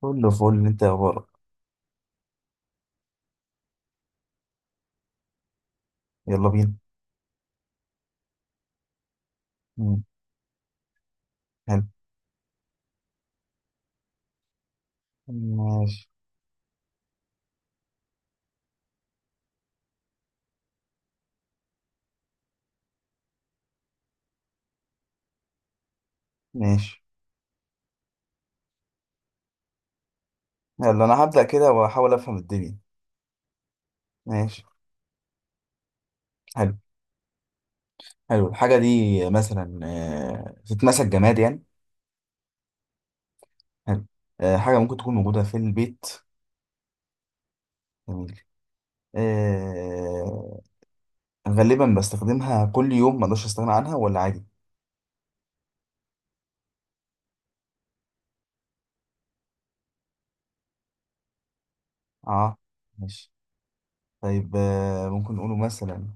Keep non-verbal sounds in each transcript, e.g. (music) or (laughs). كله فل، انت اخبارك؟ يلا بينا. مم. حلو. ماشي، ماشي. يلا، انا هبدأ كده واحاول افهم الدنيا. ماشي. حلو. حلو الحاجة دي. مثلا تتمسك جماد يعني. حلو. حاجة ممكن تكون موجودة في البيت. جميل. آه، غالبا بستخدمها كل يوم، ما اقدرش استغنى عنها، ولا عادي؟ اه. ماشي. طيب، ممكن نقوله مثلا.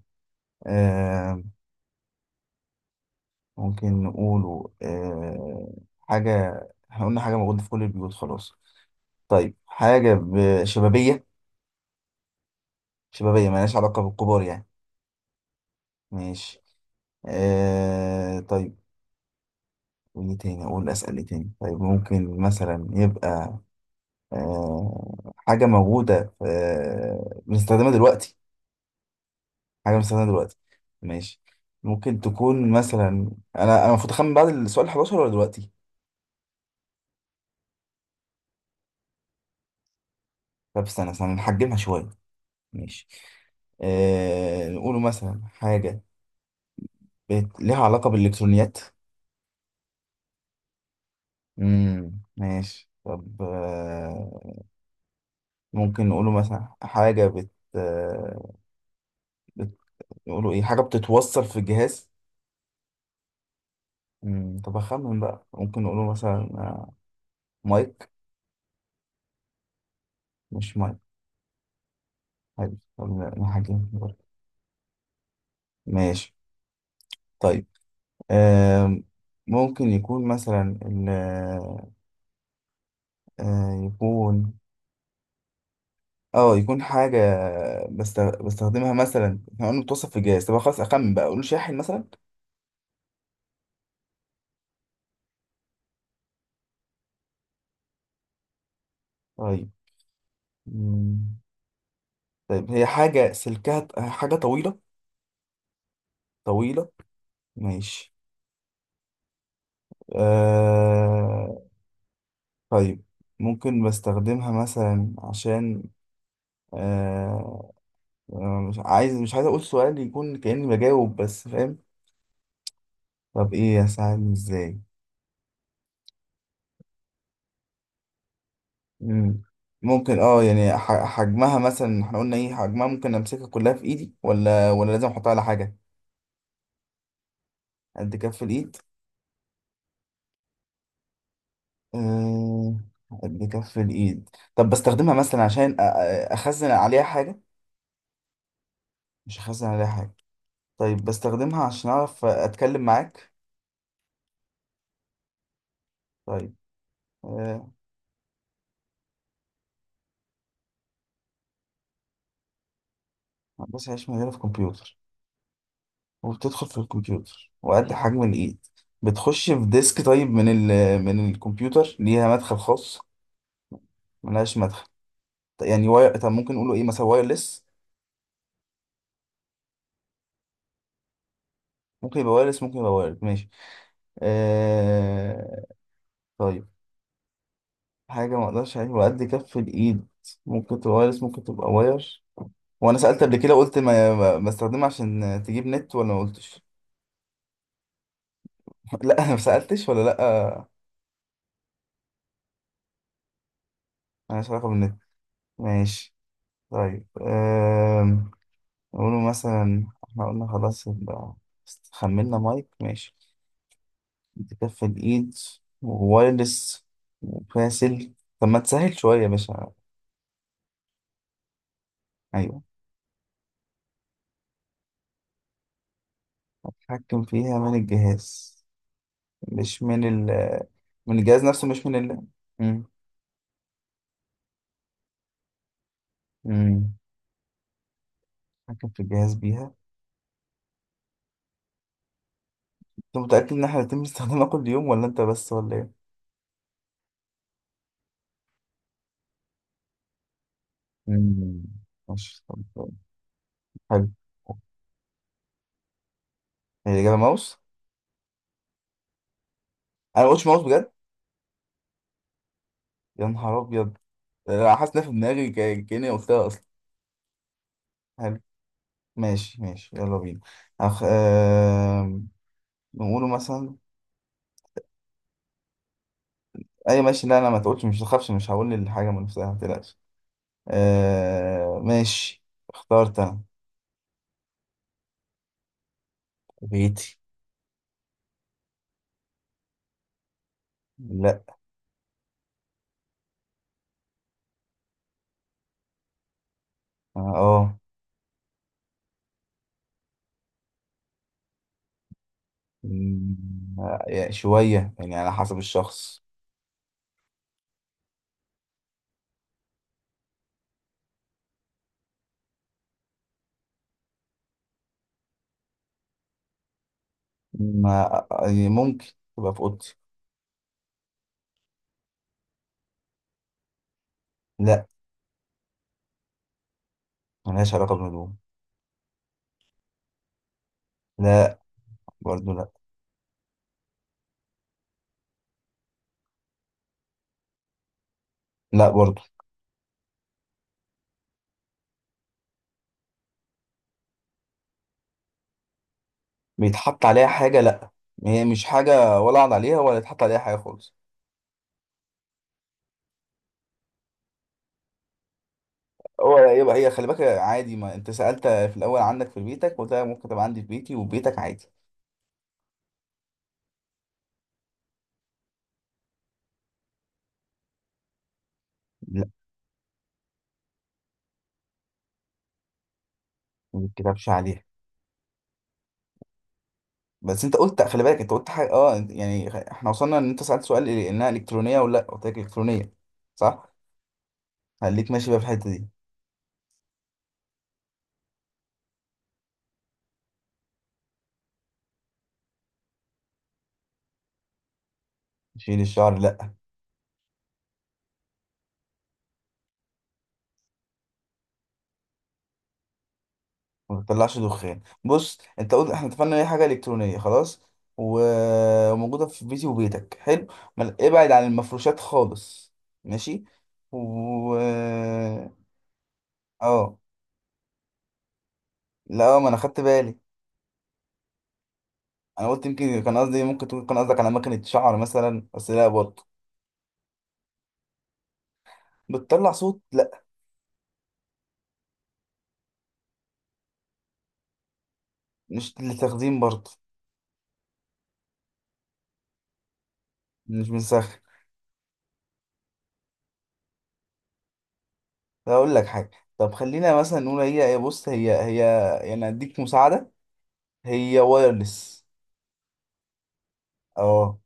آه، ممكن نقوله حاجة. احنا قلنا حاجة موجودة في كل البيوت، خلاص. طيب، حاجة شبابية. شبابية مالهاش علاقة بالكبار يعني. ماشي. طيب. وإيه تاني أقول، أسأل إيه تاني؟ طيب ممكن مثلا يبقى حاجة موجودة في بنستخدمها دلوقتي. حاجة بنستخدمها دلوقتي. ماشي. ممكن تكون مثلا. أنا المفروض أخمن بعد السؤال 11 ولا دلوقتي؟ طب استنى استنى، نحجمها شوية. ماشي. نقوله مثلا حاجة ليها علاقة بالإلكترونيات. ماشي، طب ممكن نقوله مثلا حاجة آه، بت- نقوله ايه، حاجة بتتوصل في الجهاز. طب اخمن بقى، ممكن نقوله مثلا مايك. مش مايك. حلو، طب نقول حاجة برضه. ماشي. طيب. آم، ممكن يكون مثلا يكون اه يكون حاجة بستخدمها مثلا، احنا قلنا بتوصل في الجهاز، طب خلاص اخمن بقى، اقوله شاحن مثلا. طيب. مم. طيب، هي حاجة سلكها حاجة طويلة. طويلة. ماشي. آه... طيب. ممكن بستخدمها مثلا عشان آه... مش عايز أقول سؤال يكون كأني بجاوب، بس فاهم. طب إيه أساعدني إزاي؟ مم. ممكن يعني حجمها مثلا، احنا قلنا ايه حجمها؟ ممكن امسكها كلها في ايدي ولا لازم احطها على حاجة؟ قد كف الايد. آه، قد كف الايد. طب بستخدمها مثلا عشان اخزن عليها حاجة. مش حاسس عليها حاجة. طيب بستخدمها عشان أعرف أتكلم معاك؟ طيب. آه، هندسة عيش، مجالي في كمبيوتر؟ وبتدخل في الكمبيوتر وقد حجم الإيد. بتخش في ديسك، طيب من الكمبيوتر ليها مدخل خاص؟ ملهاش مدخل. طيب يعني واير، طب ممكن نقوله إيه، مثلا وايرلس؟ ممكن يبقى وايرلس، ممكن يبقى وايرد، ماشي. آه... طيب. حاجة ما أقدرش عليها وقد كف الإيد. ممكن تبقى وايرلس، ممكن تبقى واير. وأنا سألت قبل كده، قلت بستخدمها عشان تجيب نت، ولا ما قلتش؟ (laughs) لا، انا ما سالتش، ولا لا؟ مالهاش علاقه بالنت. ماشي. طيب نقوله مثلا، احنا قلنا خلاص يبقى خملنا مايك، ماشي. بتكفي الايد. ووايرلس. وفاسل. طب ما تسهل شويه يا باشا. ايوه. اتحكم فيها من الجهاز. مش من ال من الجهاز نفسه. مش من ال مم. مم. اتحكم في الجهاز بيها. انت متاكد ان احنا هنتم استخدامها كل يوم، ولا انت بس، ولا ايه؟ مم. ماشي، طب. حلو. هي الإجابة ماوس؟ أنا ما قلتش ماوس بجد. يا نهار أبيض. أنا حاسس إنها في دماغي كأني قلتها أصلا. حلو. ماشي، ماشي، يلا بينا. أخ... آه... نقوله مثلا. أي ماشي، لا أنا ما تقولش، مش تخافش، مش هقول الحاجة من نفسها، ما تقلقش. ماشي. اخترت أنا. بيتي. لا. أه. مم، يعني شوية يعني، على حسب الشخص. ما... ممكن تبقى في أوضتي. لا، ملهاش علاقة بالهدوم. لا، برضو لا. لا برضو. بيتحط عليها حاجة؟ لأ، هي مش حاجة ولا عض عليها ولا يتحط عليها حاجة خالص. هو يبقى هي، خلي بالك عادي، ما انت سألت في الأول عندك في بيتك، قلت لك ممكن تبقى عندي في بيتي وبيتك عادي. لأ. ما بيتكتبش عليها. بس انت قلت خلي بالك، انت قلت حاجة يعني احنا وصلنا ان انت سألت سؤال انها إلكترونية ولا لأ، قلت لك إلكترونية. صح؟ خليك ماشي بقى في الحتة دي. شيل الشعر؟ لأ. ما بتطلعش دخان، بص انت قلت، احنا اتفقنا ان هي حاجه الكترونيه خلاص. وموجوده في بيتي وبيتك، حلو. ابعد عن المفروشات خالص. ماشي. و اه. لا، ما انا خدت بالي. انا قلت، يمكن كان قصدي، ممكن تكون كان قصدك على مكنه شعر مثلا، بس لا برضه. بتطلع صوت؟ لا. مش للتخزين برضه. مش بنسخن. طب اقول لك حاجه. طب خلينا مثلا نقول هي بص هي. يعني اديك مساعده. هي وايرلس. اه،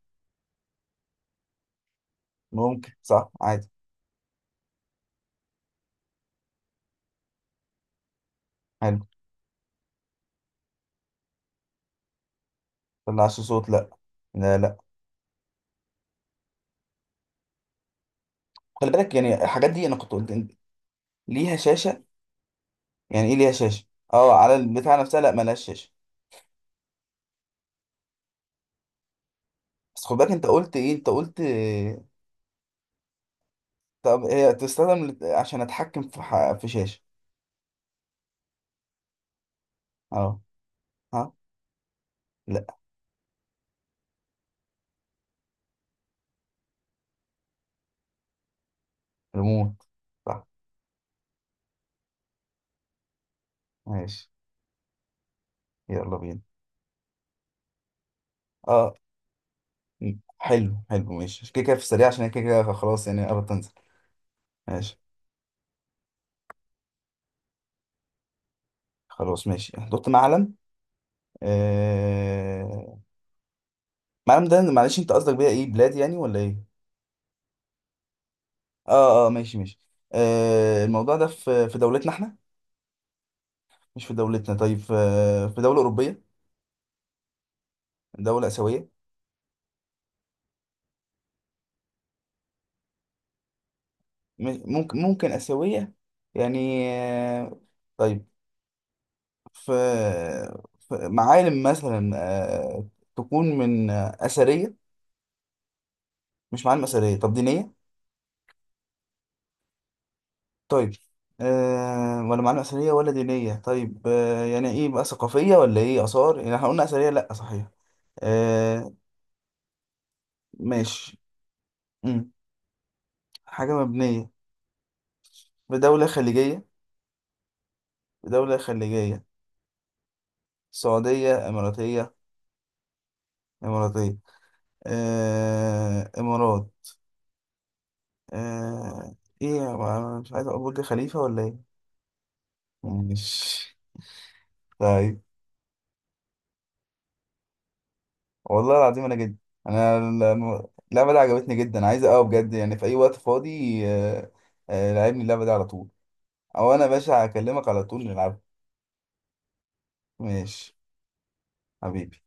ممكن صح عادي. حلو. طلعش صوت؟ لا. لا، لا. خلي بالك، يعني الحاجات دي انا كنت قلت إن ليها شاشه. يعني ايه ليها شاشه؟ اه، على البتاع نفسها، لا ملهاش شاشه. بس خد بالك، انت قلت ايه، انت قلت إيه؟ طب هي تستخدم عشان اتحكم في شاشه. اه. ها. لا. ريموت. صح. ماشي، يلا بينا. اه. حلو، حلو، ماشي، عشان كده كده في السريع، عشان هي كده كده خلاص، يعني قربت تنزل. ماشي. خلاص، ماشي، حطيت معلم. آه... معلم ده، معلش انت قصدك بيها ايه، بلاد يعني ولا ايه؟ اه، اه، ماشي، ماشي. الموضوع ده في دولتنا احنا؟ مش في دولتنا، طيب في في دولة أوروبية؟ دولة آسيوية؟ ممكن آسيوية. يعني طيب. في في معالم مثلا آه تكون من أثرية؟ مش معالم أثرية، طب دينية؟ طيب. ولا معالم أثرية ولا دينية، طيب يعني إيه بقى، ثقافية ولا إيه، آثار، يعني احنا قلنا أثرية لأ، صحيح. آه ماشي. مم. حاجة مبنية. في دولة خليجية. دولة خليجية. سعودية، إماراتية؟ إماراتية. إمارات. آه إيه يا جماعة؟ أنا مش عايز أقول برج خليفة ولا إيه؟ مش طيب. والله العظيم أنا جد. أنا اللعبة دي عجبتني جدا، عايز أقوى بجد، يعني في أي وقت فاضي لعبني اللعبة دي على طول. أو أنا يا باشا هكلمك على طول نلعب. ماشي. حبيبي.